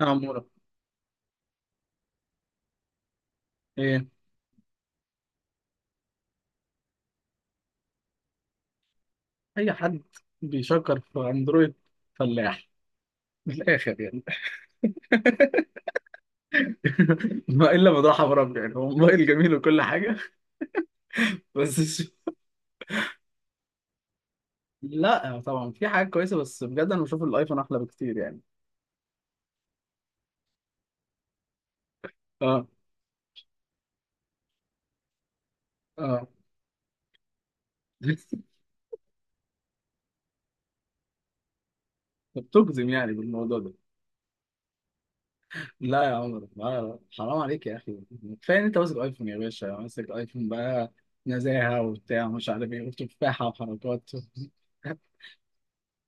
يا عمورة، ايه؟ اي حد بيشكر في اندرويد فلاح من الاخر يعني. ما الا مدرعة برب، يعني هو موبايل جميل وكل حاجه. بس ش- لا، طبعا في حاجات كويسه، بس بجد انا بشوف الايفون احلى بكتير يعني. اه، اه. بتجزم يعني بالموضوع ده؟ لا يا عمر، لا لا، حرام عليك يا اخي. كفايه ان انت ماسك ايفون يا باشا، ماسك ايفون بقى، نزاهه وبتاع ومش عارف ايه وتفاحه وحركات.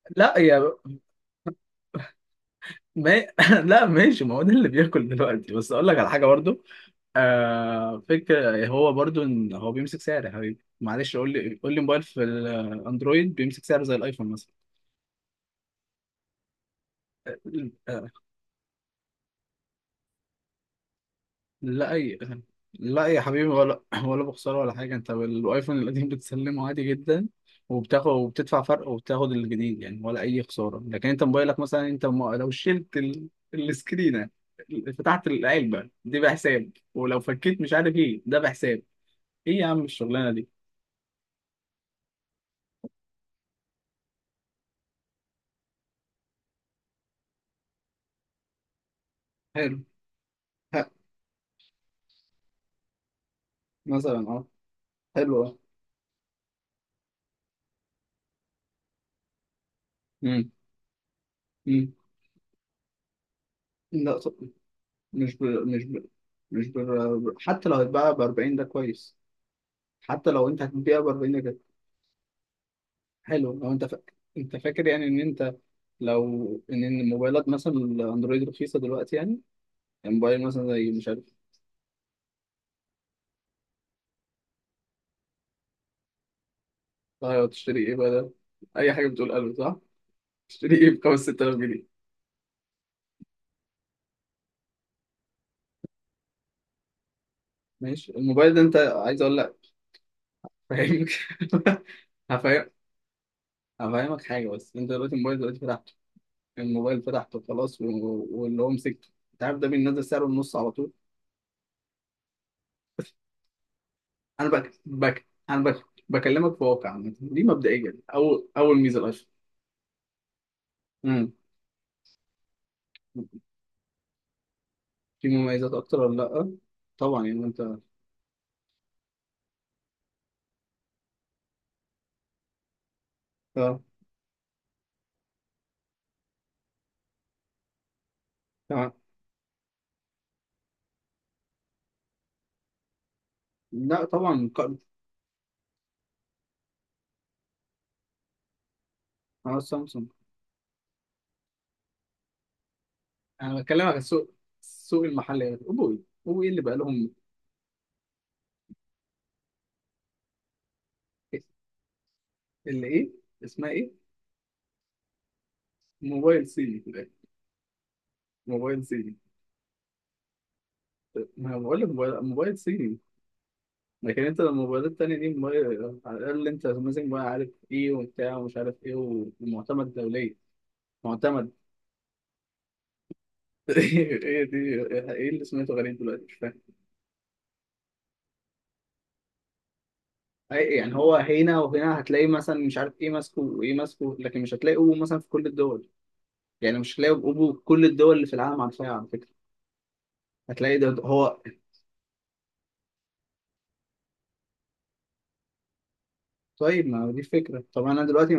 لا يا ما... لا، ماشي، ما هو ده اللي بياكل دلوقتي، بس اقول لك على حاجه برضو. فكره، هو برضو ان هو بيمسك سعر يا حبيبي، معلش، قول لي، قول لي موبايل في الاندرويد بيمسك سعر زي الايفون مثلا. آه، لا اي. لا يا حبيبي، ولا ولا بخساره ولا حاجه، انت الايفون القديم بتسلمه عادي جدا، وبتاخد وبتدفع فرق وبتاخد الجديد يعني، ولا اي خساره. لكن انت موبايلك مثلا، انت لو شلت السكرينه، فتحت العلبه دي بحساب، ولو فكيت مش عارف ايه ده بحساب، ايه يا عم الشغلانه دي؟ حلو. ها. مثلا، اه. حلو، اه. امم امم لا، طب مش ب... مش ب... مش ب... حتى لو هتباع ب 40 ده كويس، حتى لو انت هتبيع ب 40 ده كده. حلو، لو انت فاكر، يعني ان انت، لو ان الموبايلات مثلا الاندرويد رخيصه دلوقتي يعني، الموبايل مثلا زي مش عارف. طيب تشتري ايه بقى ده؟ اي حاجه بتقول قلب صح. تشتري ايه ب 5 6000 جنيه؟ ماشي الموبايل ده، انت عايز اقول لك. فاهمك. هفهم. انا فاهمك حاجه، بس انت دلوقتي الموبايل دلوقتي فتحته، الموبايل فتحته خلاص، واللي هو مسكته انت عارف ده بينزل سعره النص على طول. انا بك بك انا بك بكلمك في واقع عامة. دي مبدئيا اول اول ميزه الاشهر. امم في مميزات اكتر ولا لا. طبعا يعني انت، اه تمام. لا طبعا مقارنة. انا سامسونج. انا بكلمك عن السوق، السوق المحلي. اوبو ايه؟ اللي بقى لهم؟ إيه، اللي ايه؟ اسمها ايه؟ موبايل صيني في الآخر. موبايل صيني. ما أنا بقول لك موبايل موبايل صيني. لكن انت لما الموبايلات التانية دي موبايل، على الأقل انت ماسك بقى، عارف ايه وبتاع ومش عارف ايه، ومعتمد دوليا. معتمد. ايه دي؟ ايه اللي سمعته؟ غريب دلوقتي، مش فاهم. يعني هو هنا وهنا هتلاقي مثلا مش عارف ايه ماسكه وايه ماسكه، لكن مش هتلاقي اوبو مثلا في كل الدول، يعني مش هتلاقي اوبو في كل الدول اللي في العالم عارفاها على فكرة. هتلاقي ده هو. طيب ما هو دي الفكرة، طب انا دلوقتي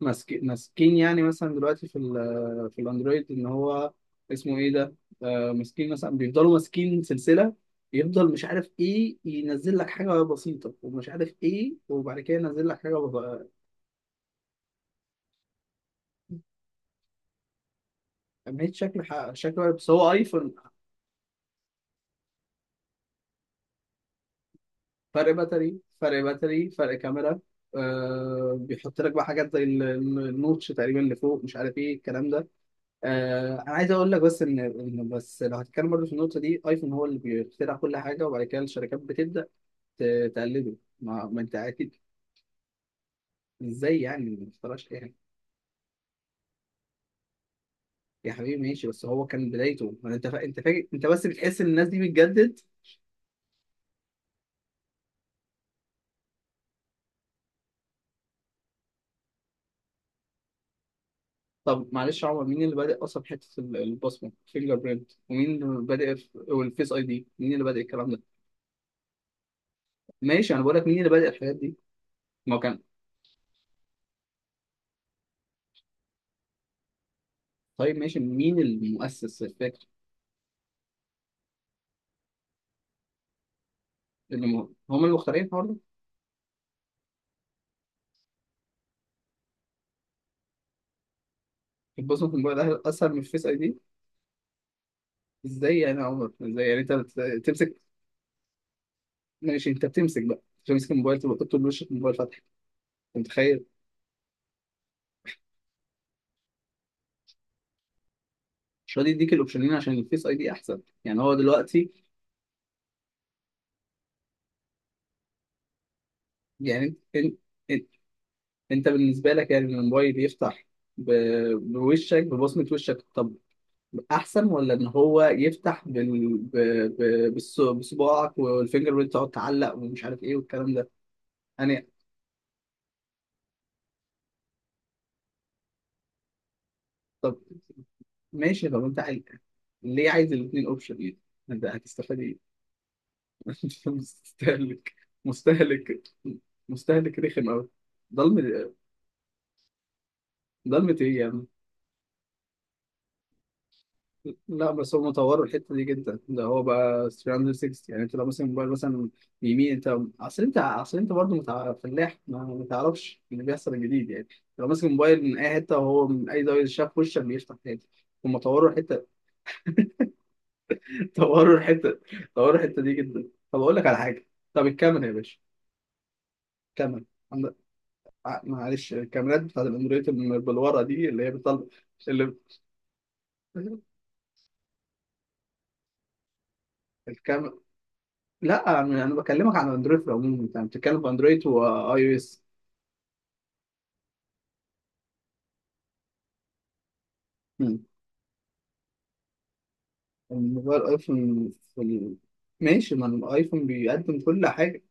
ماسكين، يعني مثلا دلوقتي في الاندرويد ان هو، اسمه ايه ده، ماسكين مثلا بيفضلوا ماسكين سلسله، يفضل مش عارف ايه، ينزل لك حاجه بسيطه ومش عارف ايه، وبعد كده ينزل لك حاجه بسيطة. أهمية شكل شكل واحد. بس هو ايفون، فرق باتري، فرق كاميرا، بيحط لك بقى حاجات زي النوتش تقريبا اللي فوق مش عارف ايه الكلام ده. انا عايز اقول لك بس ان بس لو هتتكلم برضه في النقطه دي، ايفون هو اللي بيخترع كل حاجه، وبعد كده الشركات بتبدا تقلده. ما انت اكيد. ازاي يعني ما تختارهاش يعني؟ يا حبيبي ماشي، بس هو كان بدايته، ما انت فاكر، انت بس بتحس ان الناس دي بتجدد. طب معلش يا عمر، مين اللي بادئ اصلا في حته البصمه، فينجر برينت، ومين اللي بادئ والفيس اي دي، مين اللي بادئ الكلام ده؟ ماشي، انا بقول لك مين اللي بادئ الحاجات دي. ما هو كان. طيب ماشي، مين المؤسس الفكر؟ هم المخترعين الحوار ده. البصمه في الموبايل اسهل من الفيس اي دي. ازاي يعني يا عمر؟ ازاي يعني انت تمسك؟ ماشي انت بتمسك بقى، تمسك الموبايل تبقى تحط له وشك الموبايل؟ انت متخيل؟ مش راضي يديك الاوبشنين عشان الفيس اي دي احسن، يعني هو دلوقتي. يعني انت، انت, بالنسبه لك، يعني إن الموبايل يفتح بوشك، ببصمه وشك، طب احسن؟ ولا ان هو يفتح بال... ب... ب... بالص- بصباعك، والفينجر بريد تقعد تعلق ومش عارف ايه والكلام ده يعني. طب ماشي، طب انت عايز-، ليه عايز الاثنين اوبشن يعني؟ انت هتستفاد ايه؟ انت مستهلك، مستهلك، مستهلك رخم قوي. ضلمة؟ ضلمة ايه يعني؟ لا، بس هم طوروا الحته دي جدا، ده هو بقى 360 يعني، انت لو مثلا موبايل مثلا، يمين، انت برضه متع...، فلاح، ما تعرفش اللي بيحصل الجديد يعني. لو ماسك موبايل من اي حته وهو من اي زاويه شاف وشك بيفتح تاني. هم طوروا الحته. طوروا الحته، طوروا الحته دي جدا. طب اقول لك على حاجه. طب الكاميرا يا باشا، الكاميرا، عندك، معلش الكاميرات بتاعت الاندرويد اللي بالورقه دي اللي هي بتطلع، اللي... الكاميرا. لا انا، بكلمك عن اندرويد في العموم، انت بتتكلم في اندرويد واي او اس. مم. الموبايل ايفون في ال... ماشي، ما الايفون بيقدم كل حاجه.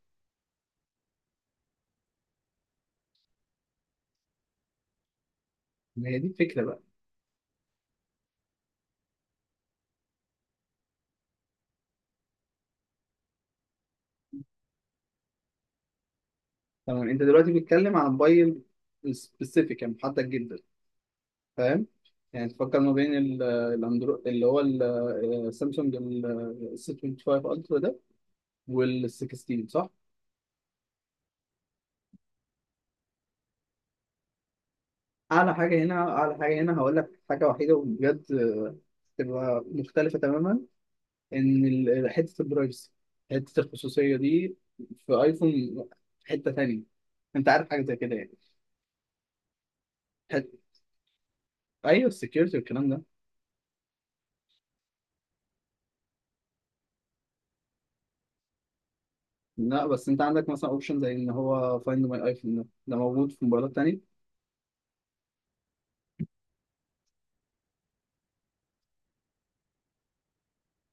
ما هي دي الفكره بقى. تمام، انت دلوقتي بتتكلم عن موبايل سبيسيفيك، يعني محدد جدا. فاهم. يعني تفكر ما بين الاندرو اللي هو سامسونج ال 625 الترا ده، وال 16 صح. اعلى حاجه هنا، اعلى حاجه هنا هقول لك حاجه وحيده وبجد تبقى مختلفه تماما، ان حته البرايفسي، حته الخصوصيه دي في ايفون حته تانية، انت عارف حاجه زي كده يعني؟ حت... ايوه السكيورتي والكلام ده. لا بس انت عندك مثلا اوبشن زي ان هو فايند ماي ايفون، ده موجود في موبايلات تانية.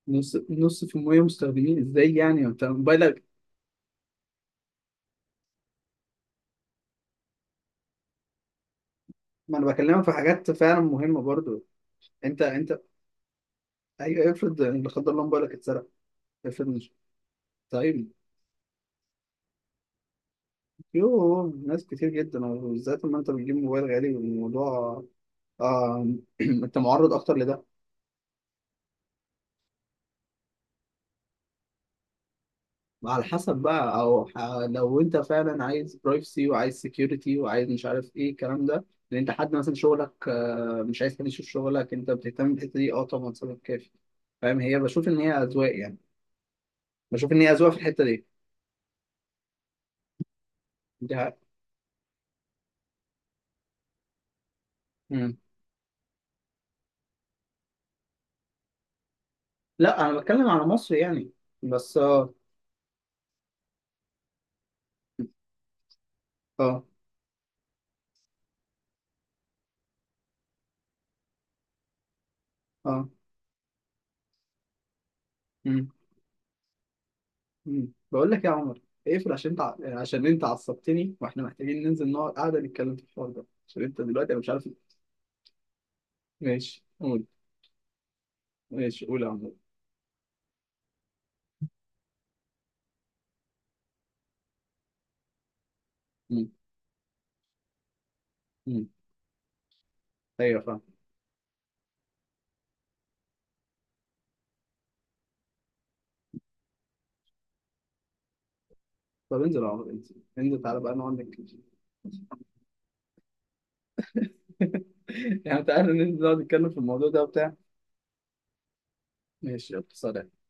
نص، نص في المية مستخدمين ازاي يعني؟ انت موبايلك، ما انا بكلمك في حاجات فعلا مهمه برضو. انت. ايوه افرض لا قدر الله موبايلك اتسرق. افرض مش. طيب، يوه ناس كتير جدا، وبالذات لما انت بتجيب موبايل غالي والموضوع، انت معرض اكتر لده. على حسب بقى، او لو انت فعلا عايز برايفسي وعايز سكيورتي وعايز مش عارف ايه الكلام ده، لان انت حد مثلا شغلك، مش عايز حد يشوف شغلك، انت بتهتم بالحته دي، اه طبعا سبب كافي. فاهم. هي بشوف ان هي اذواق يعني، بشوف ان هي اذواق في الحته دي. دي حقيقة. مم. لا انا بتكلم على مصر يعني. بس اه، اه، اه. مم. مم. بقول لك يا عمر، اقفل، عشان انت عشان انت عصبتني، واحنا محتاجين ننزل نقعد قاعده نتكلم في الحوار ده، عشان انت دلوقتي انا مش عارف. ماشي قول ماشي قول يا عمرو. مم. مم. ايوه فاهم. طب انزل يا عمرو، انزل، انزل، تعالى بقى نقعد نتكلم. يعني تعالى ننزل نقعد نتكلم في الموضوع ده وبتاع. ماشي يلا سلام.